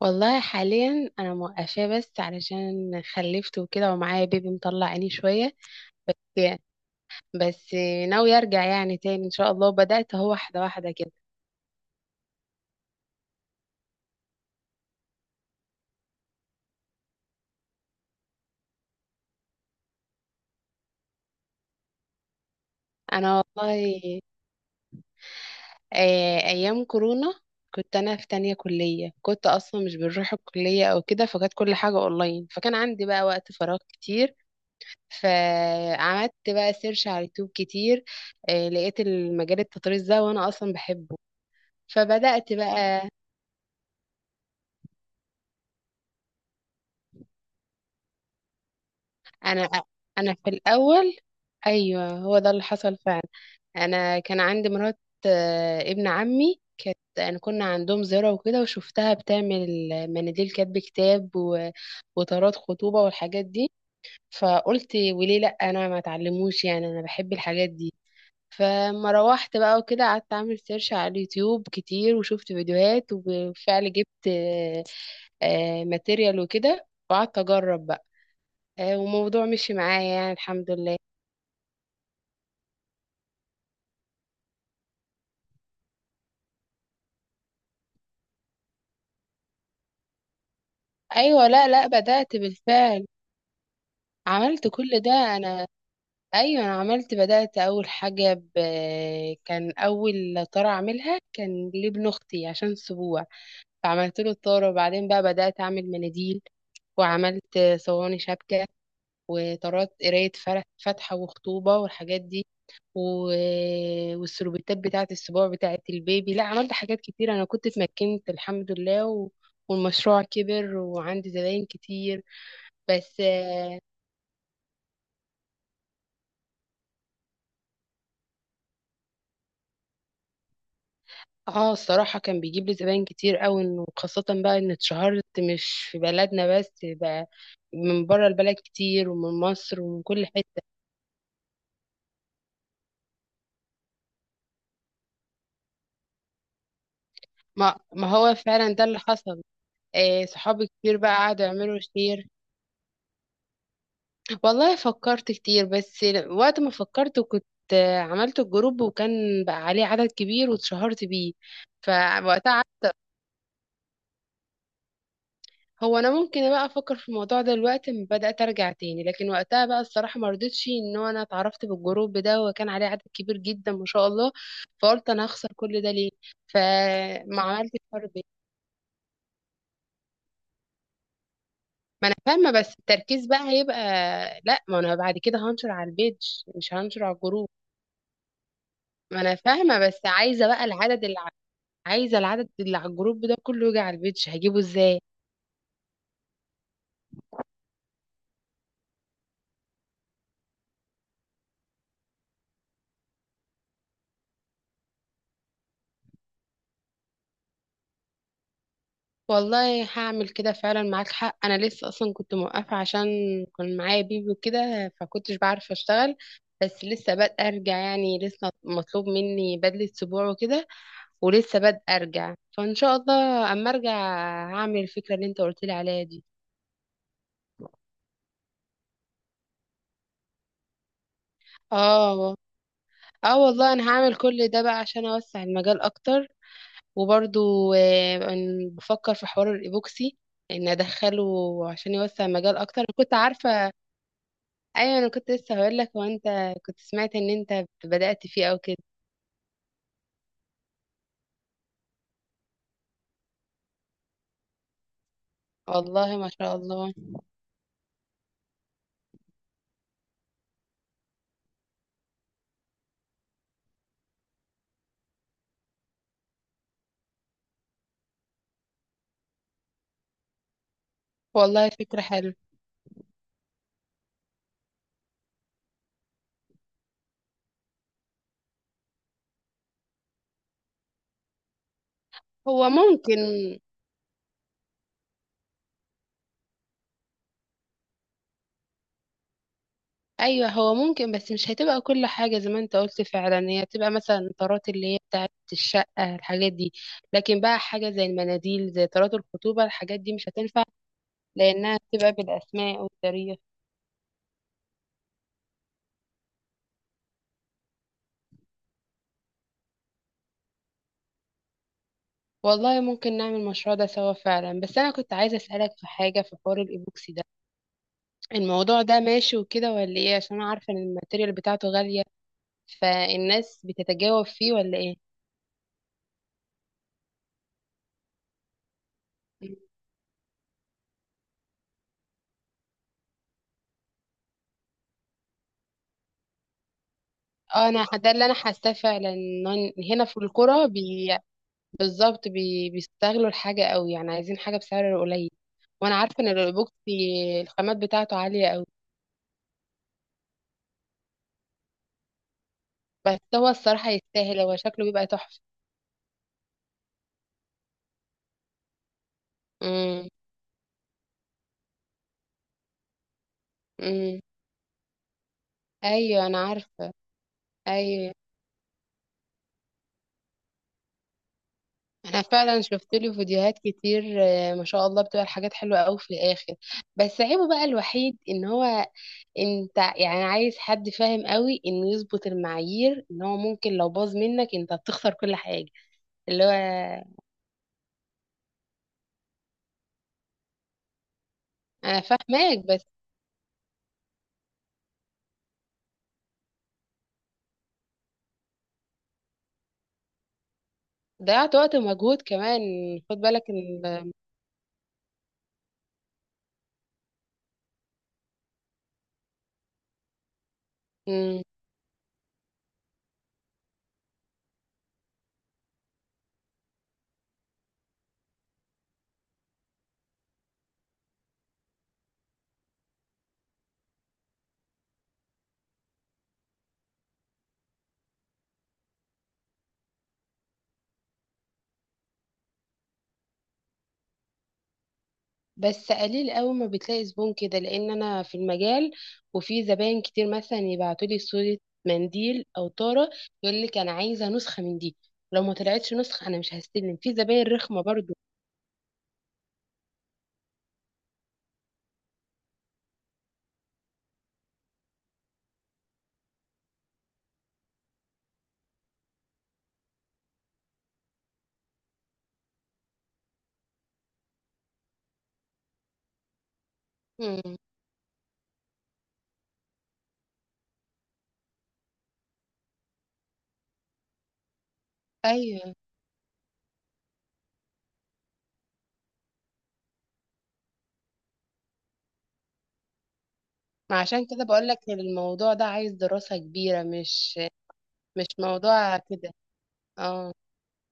والله حاليا انا موقفاه، بس علشان خلفت وكده ومعايا بيبي مطلع عيني شويه. بس بس ناوي ارجع يعني تاني ان شاء الله، بدات اهو واحده واحده كده. انا والله ايام كورونا كنت انا في تانية كليه، كنت اصلا مش بنروح الكليه او كده، فكانت كل حاجه اونلاين، فكان عندي بقى وقت فراغ كتير. فعملت بقى سيرش على اليوتيوب كتير. لقيت المجال التطريز ده وانا اصلا بحبه. فبدات بقى انا انا في الاول. ايوه هو ده اللي حصل فعلا. انا كان عندي مرات ابن عمي، كانت انا كنا عندهم زيارة وكده وشفتها بتعمل مناديل كاتب كتاب وطارات خطوبة والحاجات دي. فقلت وليه لا، انا ما اتعلموش، يعني انا بحب الحاجات دي. فما روحت بقى وكده، قعدت اعمل سيرش على اليوتيوب كتير وشفت فيديوهات، وبالفعل جبت ماتيريال وكده وقعدت اجرب بقى. وموضوع مشي معايا يعني الحمد لله. ايوه لا لا بدأت بالفعل، عملت كل ده. انا ايوه انا عملت، بدأت اول حاجة كان اول طارة اعملها كان لابن اختي عشان سبوع، فعملت له الطارة وبعدين بقى بدأت اعمل مناديل، وعملت صواني شبكة وطارات قراية فاتحة وخطوبة والحاجات دي و... والسربتات بتاعة السبوع بتاعة البيبي، لا عملت حاجات كتير، أنا كنت اتمكنت الحمد لله والمشروع كبر وعندي زباين كتير. بس اه الصراحة كان بيجيب لي زباين كتير قوي، انه خاصة بقى ان اتشهرت مش في بلدنا بس بقى، من بره البلد كتير ومن مصر ومن كل حتة. ما هو فعلا ده اللي حصل. آه، صحابي كتير بقى قعدوا يعملوا شير. والله فكرت كتير بس، وقت ما فكرت كنت عملت الجروب، وكان بقى عليه عدد كبير واتشهرت بيه. فوقتها هو انا ممكن بقى افكر في الموضوع ده دلوقتي لما بدات ارجع تاني، لكن وقتها بقى الصراحه ما رضيتش، ان هو انا اتعرفت بالجروب ده وكان عليه عدد كبير جدا ما شاء الله. فقلت انا هخسر كل ده ليه؟ فما عملتش فرق بيني. ما انا فاهمه بس التركيز بقى هيبقى، لا ما انا بعد كده هنشر على البيج، مش هنشر على الجروب. ما انا فاهمه، بس عايزه بقى العدد اللي عايزه العدد اللي على الجروب ده كله يجي على البيج، هجيبه ازاي؟ والله هعمل كده فعلا، معاك حق، انا لسه اصلا كنت موقفه، عشان كان معايا بيبي وكده، فكنتش بعرف اشتغل. بس لسه بادئه ارجع يعني، لسه مطلوب مني بدله سبوع وكده، ولسه بادئه ارجع، فان شاء الله اما ارجع هعمل الفكره اللي انت قلت لي عليها دي. اه. اه والله انا هعمل كل ده بقى عشان اوسع المجال اكتر. وبرضو بفكر في حوار الايبوكسي، ان ادخله عشان يوسع المجال اكتر، كنت عارفه. ايوه انا كنت لسه هقول لك، هو انت كنت سمعت ان انت بدأت فيه او كده؟ والله ما شاء الله. والله فكرة حلوة. هو ممكن. ايوه هو ممكن، بس مش هتبقى كل حاجة زي ما انت قلت فعلا، هي بتبقى مثلا طارات اللي هي بتاعت الشقة الحاجات دي، لكن بقى حاجة زي المناديل زي طارات الخطوبة الحاجات دي مش هتنفع، لانها بتبقى بالاسماء والتاريخ. والله ممكن نعمل المشروع ده سوا فعلا، بس انا كنت عايزة اسألك في حاجة في حوار الايبوكسي ده. الموضوع ده ماشي وكده ولا ايه؟ عشان انا عارفه ان الماتيريال بتاعته غاليه، فالناس بتتجاوب فيه ولا ايه؟ اه انا ده اللي انا حاساه فعلا، إن هنا في القرى بالظبط بيستغلوا الحاجه قوي، يعني عايزين حاجه بسعر قليل. وانا عارفه ان الايبوكسي الخامات بتاعته عاليه قوي. بس هو الصراحه يستاهل، هو شكله بيبقى تحفه. امم امم ايوه انا عارفه. ايوه انا فعلا شفت له فيديوهات كتير، ما شاء الله بتبقى الحاجات حلوه قوي في الاخر. بس عيبه بقى الوحيد ان هو، انت يعني عايز حد فاهم قوي انه يظبط المعايير، ان هو ممكن لو باظ منك انت بتخسر كل حاجه. اللي هو انا فاهماك بس. ضيعت وقت ومجهود كمان. خد بالك ان. بس قليل قوي ما بتلاقي زبون كده، لان انا في المجال وفي زباين كتير مثلا يبعتوا لي صورة منديل او طارة، يقول لك انا عايزة نسخة من دي، لو ما طلعتش نسخة انا مش هستلم في زباين رخمة برضو. مم. ايوه ما عشان كده بقول لك الموضوع ده عايز دراسة كبيرة، مش موضوع كده. اه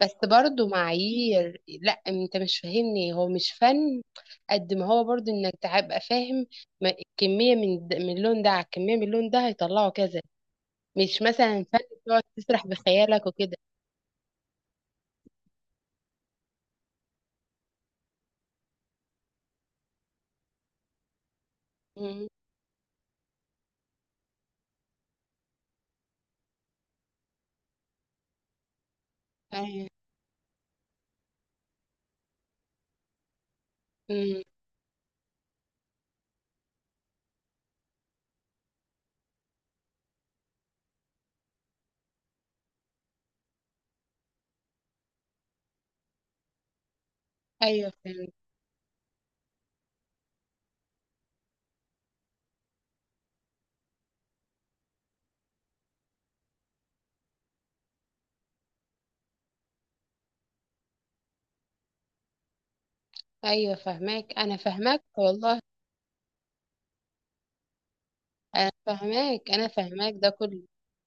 بس برضو معايير، لا انت مش فاهمني، هو مش فن قد ما هو برضو انك تبقى فاهم كمية من اللون ده على كمية من اللون ده هيطلعوا كذا، مش مثلا فن تقعد تسرح بخيالك وكده. مم. ايوه. مم. ايوه فهمت. ايوه فهماك انا فاهماك والله. انا فاهماك انا فاهماك ده كله.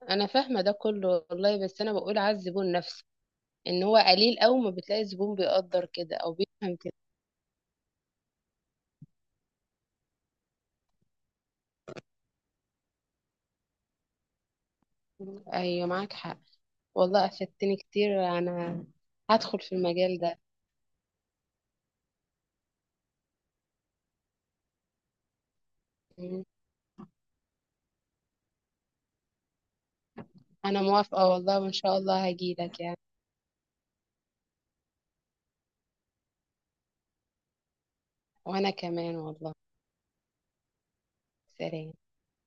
انا فاهمه ده كله والله، بس انا بقول على الزبون نفسه، ان هو قليل أوي ما بتلاقي زبون بيقدر كده او بيفهم كده. ايوه معاك حق. والله أفدتني كتير أنا. هدخل في المجال ده. مم. أنا موافقة والله وإن شاء الله هجيلك يعني. وأنا كمان والله. سلام.